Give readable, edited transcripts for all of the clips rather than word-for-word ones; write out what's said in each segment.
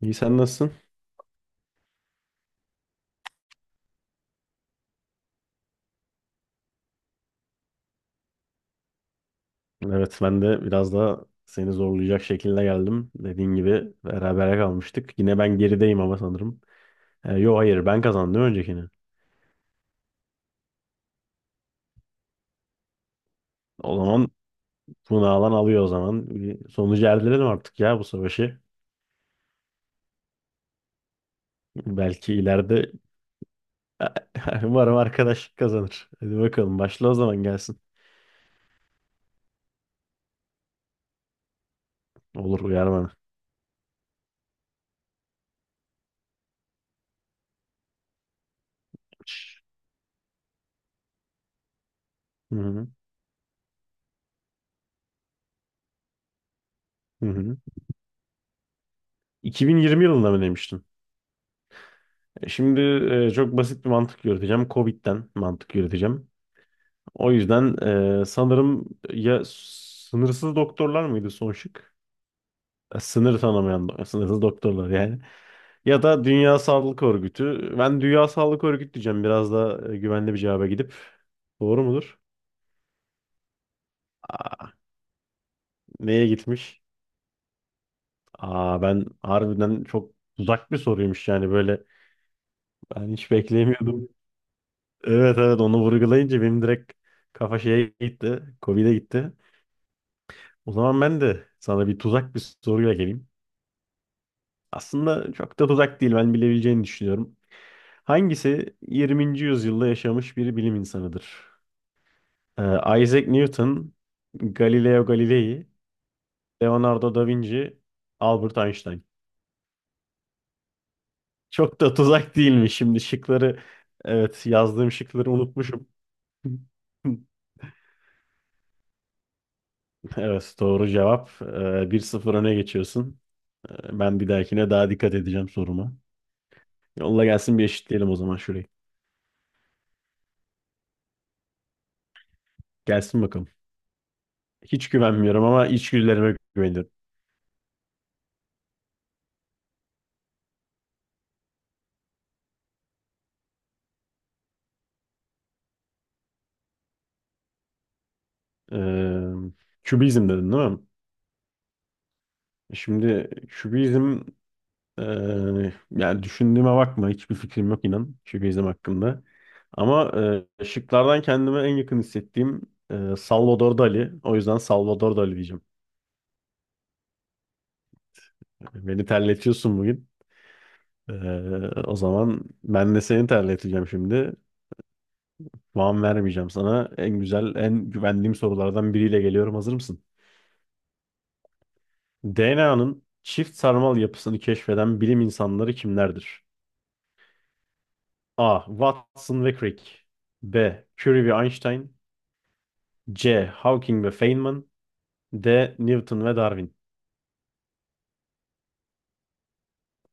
İyi sen nasılsın? Evet ben de biraz daha seni zorlayacak şekilde geldim. Dediğin gibi berabere kalmıştık. Yine ben gerideyim ama sanırım. Yo hayır ben kazandım öncekini. O zaman bunu alan alıyor o zaman. Bir sonucu erdirelim artık ya bu savaşı. Belki ileride umarım arkadaşlık kazanır. Hadi bakalım başla o zaman gelsin. Olur uyar bana. Hı hı. Hı hı. 2020 yılında mı demiştin? Şimdi çok basit bir mantık yürüteceğim. Covid'den mantık yürüteceğim. O yüzden sanırım ya sınırsız doktorlar mıydı son şık? Sınır tanımayan sınırsız doktorlar yani. Ya da Dünya Sağlık Örgütü. Ben Dünya Sağlık Örgütü diyeceğim. Biraz da güvenli bir cevaba gidip. Doğru mudur? Aa, neye gitmiş? Aa, ben harbiden çok uzak bir soruymuş yani böyle. Ben hiç beklemiyordum. Evet, evet, onu vurgulayınca benim direkt kafa şeye gitti. Covid'e gitti. O zaman ben de sana bir tuzak bir soruyla geleyim. Aslında çok da uzak değil ben bilebileceğini düşünüyorum. Hangisi 20. yüzyılda yaşamış bir bilim insanıdır? Isaac Newton, Galileo Galilei, Leonardo da Vinci, Albert Einstein. Çok da tuzak değil mi? Şimdi şıkları, evet yazdığım şıkları unutmuşum. Evet doğru cevap. 1-0 öne geçiyorsun. Ben bir dahakine daha dikkat edeceğim soruma. Yolla gelsin bir eşitleyelim o zaman şurayı. Gelsin bakalım. Hiç güvenmiyorum ama içgüdülerime güveniyorum. Ee, kübizm dedin değil mi? Şimdi kübizm e, yani düşündüğüme bakma hiçbir fikrim yok inan kübizm hakkında. Ama şıklardan kendime en yakın hissettiğim Salvador Dali. O yüzden Salvador Dali diyeceğim. Yani beni terletiyorsun bugün. E, o zaman ben de seni terleteceğim şimdi. Puan vermeyeceğim sana. En güzel, en güvendiğim sorulardan biriyle geliyorum. Hazır mısın? DNA'nın çift sarmal yapısını keşfeden bilim insanları kimlerdir? A. Watson ve Crick B. Curie ve Einstein C. Hawking ve Feynman D. Newton ve Darwin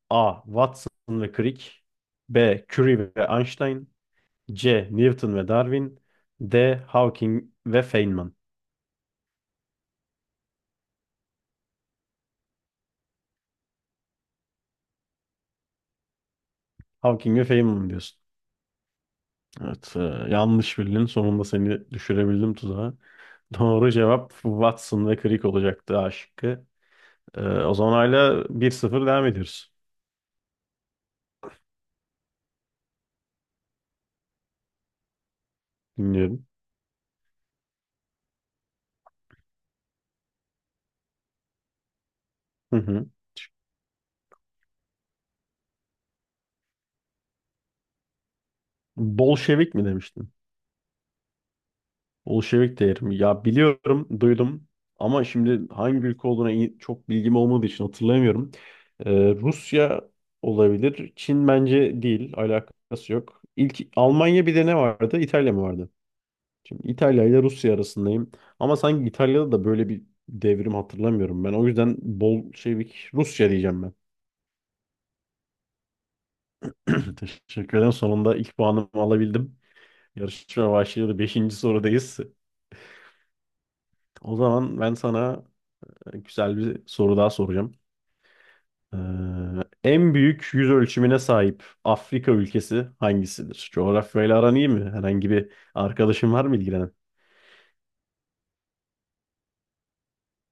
A. Watson ve Crick B. Curie ve Einstein C. Newton ve Darwin D. Hawking ve Feynman Hawking ve Feynman diyorsun. Evet, yanlış bildin. Sonunda seni düşürebildim tuzağa. Doğru cevap Watson ve Crick olacaktı A şıkkı. O zaman hala 1-0 devam ediyoruz. Dinliyorum. Hı hı. Bolşevik mi demiştin? Bolşevik değerim. Ya biliyorum, duydum ama şimdi hangi ülke olduğuna çok bilgim olmadığı için hatırlayamıyorum. Rusya olabilir. Çin bence değil. Alakası yok. İlk Almanya bir de ne vardı? İtalya mı vardı? Şimdi İtalya ile Rusya arasındayım. Ama sanki İtalya'da da böyle bir devrim hatırlamıyorum ben. O yüzden Bolşevik Rusya diyeceğim ben. Teşekkür ederim. Sonunda ilk puanımı alabildim. Yarışma başladı. Beşinci sorudayız. O zaman ben sana güzel bir soru daha soracağım. Ee, en büyük yüz ölçümüne sahip Afrika ülkesi hangisidir? Coğrafyayla aran iyi mi? Herhangi bir arkadaşın var mı ilgilenen?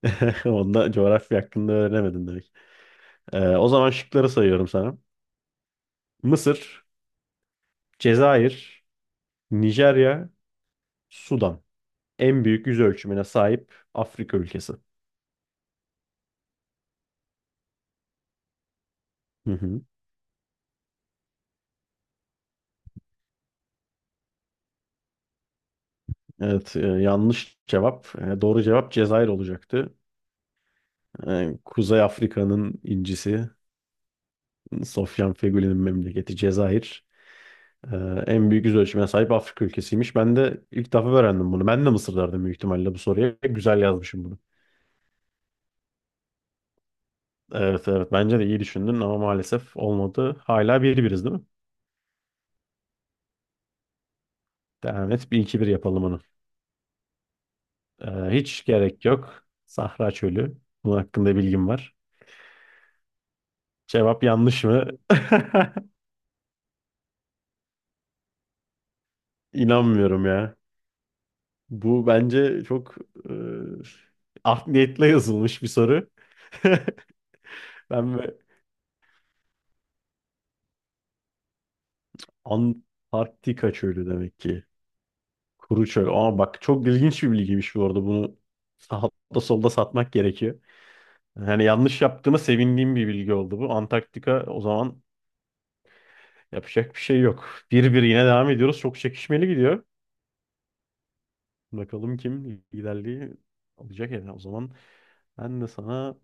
Onda coğrafya hakkında öğrenemedin demek. O zaman şıkları sayıyorum sana. Mısır, Cezayir, Nijerya, Sudan. En büyük yüz ölçümüne sahip Afrika ülkesi. Hı hı. Evet, yanlış cevap. Doğru cevap Cezayir olacaktı. Kuzey Afrika'nın incisi Sofyan Feghouli'nin memleketi Cezayir. Ee, en büyük yüz ölçümüne sahip Afrika ülkesiymiş. Ben de ilk defa öğrendim bunu. Ben de Mısır derdim büyük ihtimalle bu soruya. Güzel yazmışım bunu. Evet, evet, bence de iyi düşündün ama maalesef olmadı. Hala bir biriz değil mi? Devam et. Bir iki bir yapalım onu. Hiç gerek yok. Sahra çölü. Bunun hakkında bilgim var. Cevap yanlış mı? İnanmıyorum ya. Bu bence çok e, art niyetle yazılmış bir soru. Ben Antarktika çölü demek ki. Kuru çöl. Aa bak çok ilginç bir bilgiymiş bu arada. Bunu sağda solda satmak gerekiyor. Yani yanlış yaptığıma sevindiğim bir bilgi oldu bu. Antarktika o zaman yapacak bir şey yok. 1-1 yine devam ediyoruz. Çok çekişmeli gidiyor. Bakalım kim liderliği alacak yani. O zaman ben de sana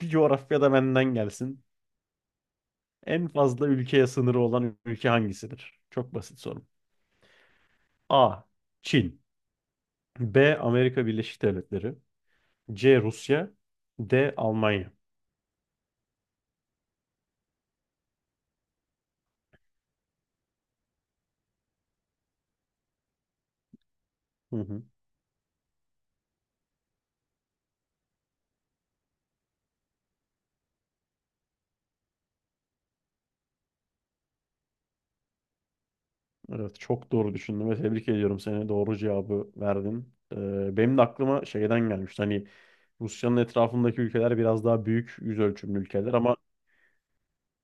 bir coğrafyada benden gelsin. En fazla ülkeye sınırı olan ülke hangisidir? Çok basit soru. A. Çin. B. Amerika Birleşik Devletleri. C. Rusya. D. Almanya. Hı hı. Evet çok doğru düşündüm ve tebrik ediyorum seni. Doğru cevabı verdin. Benim de aklıma şeyden gelmişti. Hani Rusya'nın etrafındaki ülkeler biraz daha büyük yüz ölçümlü ülkeler ama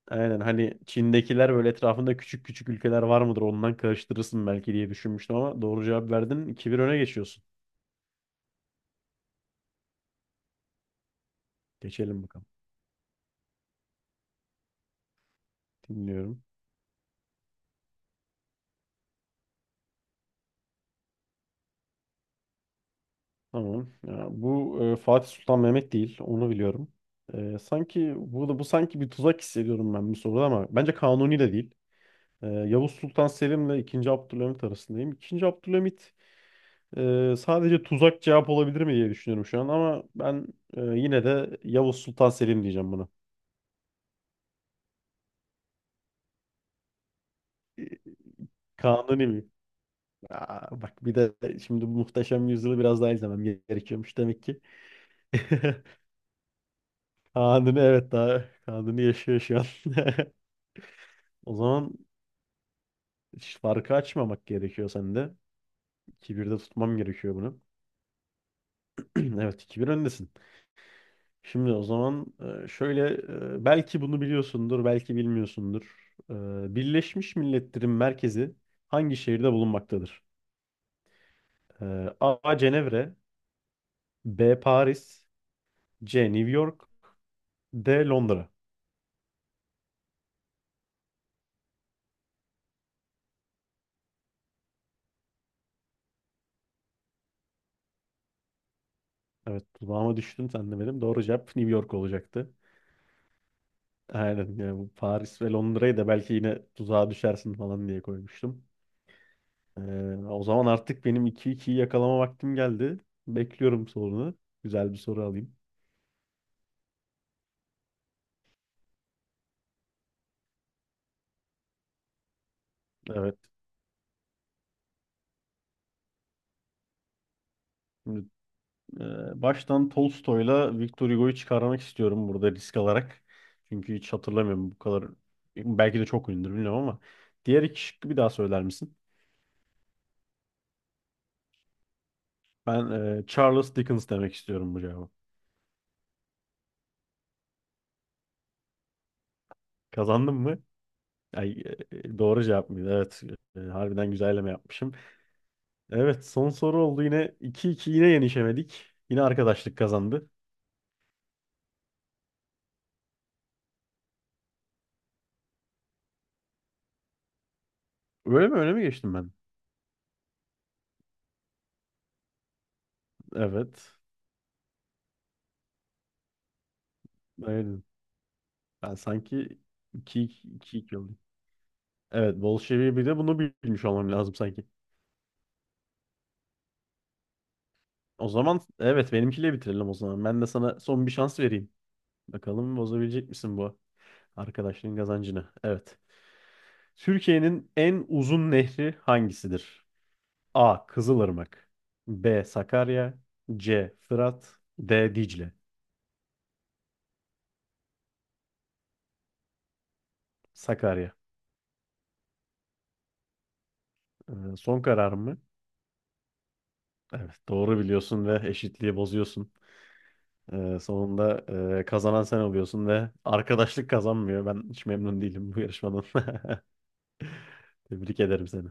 aynen hani Çin'dekiler böyle etrafında küçük küçük ülkeler var mıdır ondan karıştırırsın belki diye düşünmüştüm ama doğru cevap verdin. 2 bir öne geçiyorsun. Geçelim bakalım. Dinliyorum. Tamam. Ya bu Fatih Sultan Mehmet değil. Onu biliyorum. Sanki burada bu sanki bir tuzak hissediyorum ben bu soruda ama bence Kanuni de değil. Yavuz Sultan Selim'le 2. Abdülhamit arasındayım. 2. Abdülhamit sadece tuzak cevap olabilir mi diye düşünüyorum şu an ama ben yine de Yavuz Sultan Selim diyeceğim buna. E, Kanuni mi? Aa, bak bir de şimdi bu Muhteşem Yüzyıl'ı biraz daha izlemem gerekiyormuş demek ki. Kanuni, evet, daha Kanuni yaşıyor şu an. O zaman hiç farkı açmamak gerekiyor sende. 2-1'de tutmam gerekiyor bunu. Evet 2-1 öndesin. Şimdi o zaman şöyle belki bunu biliyorsundur belki bilmiyorsundur. Birleşmiş Milletler'in merkezi hangi şehirde bulunmaktadır? E, A. Cenevre B. Paris C. New York D. Londra. Evet dudağıma düştün sen de benim. Doğru cevap New York olacaktı. Aynen yani bu Paris ve Londra'yı da belki yine tuzağa düşersin falan diye koymuştum. O zaman artık benim iki 2yi yakalama vaktim geldi. Bekliyorum sorunu. Güzel bir soru alayım. Evet. Şimdi, baştan Tolstoy'la Victor Hugo'yu çıkarmak istiyorum burada risk alarak. Çünkü hiç hatırlamıyorum bu kadar. Belki de çok ünlüdür bilmiyorum ama. Diğer iki şıkkı bir daha söyler misin? Ben Charles Dickens demek istiyorum bu cevabı. Kazandım mı? Ay, doğru cevap mıydı? Evet. Harbiden güzelleme yapmışım. Evet son soru oldu yine. 2-2 yine yenişemedik. Yine arkadaşlık kazandı. Öyle mi? Öyle mi geçtim ben? Evet. Aynen. Ben sanki 2 2 2 oldum. Evet, Bolşevi bir de bunu bilmiş olmam lazım sanki. O zaman evet benimkiyle bitirelim o zaman. Ben de sana son bir şans vereyim. Bakalım bozabilecek misin bu arkadaşlığın kazancını? Evet. Türkiye'nin en uzun nehri hangisidir? A. Kızılırmak B. Sakarya C. Fırat D. Dicle Sakarya. Son karar mı? Evet, doğru biliyorsun ve eşitliği bozuyorsun. Sonunda kazanan sen oluyorsun ve arkadaşlık kazanmıyor. Ben hiç memnun değilim bu yarışmadan. Tebrik ederim seni.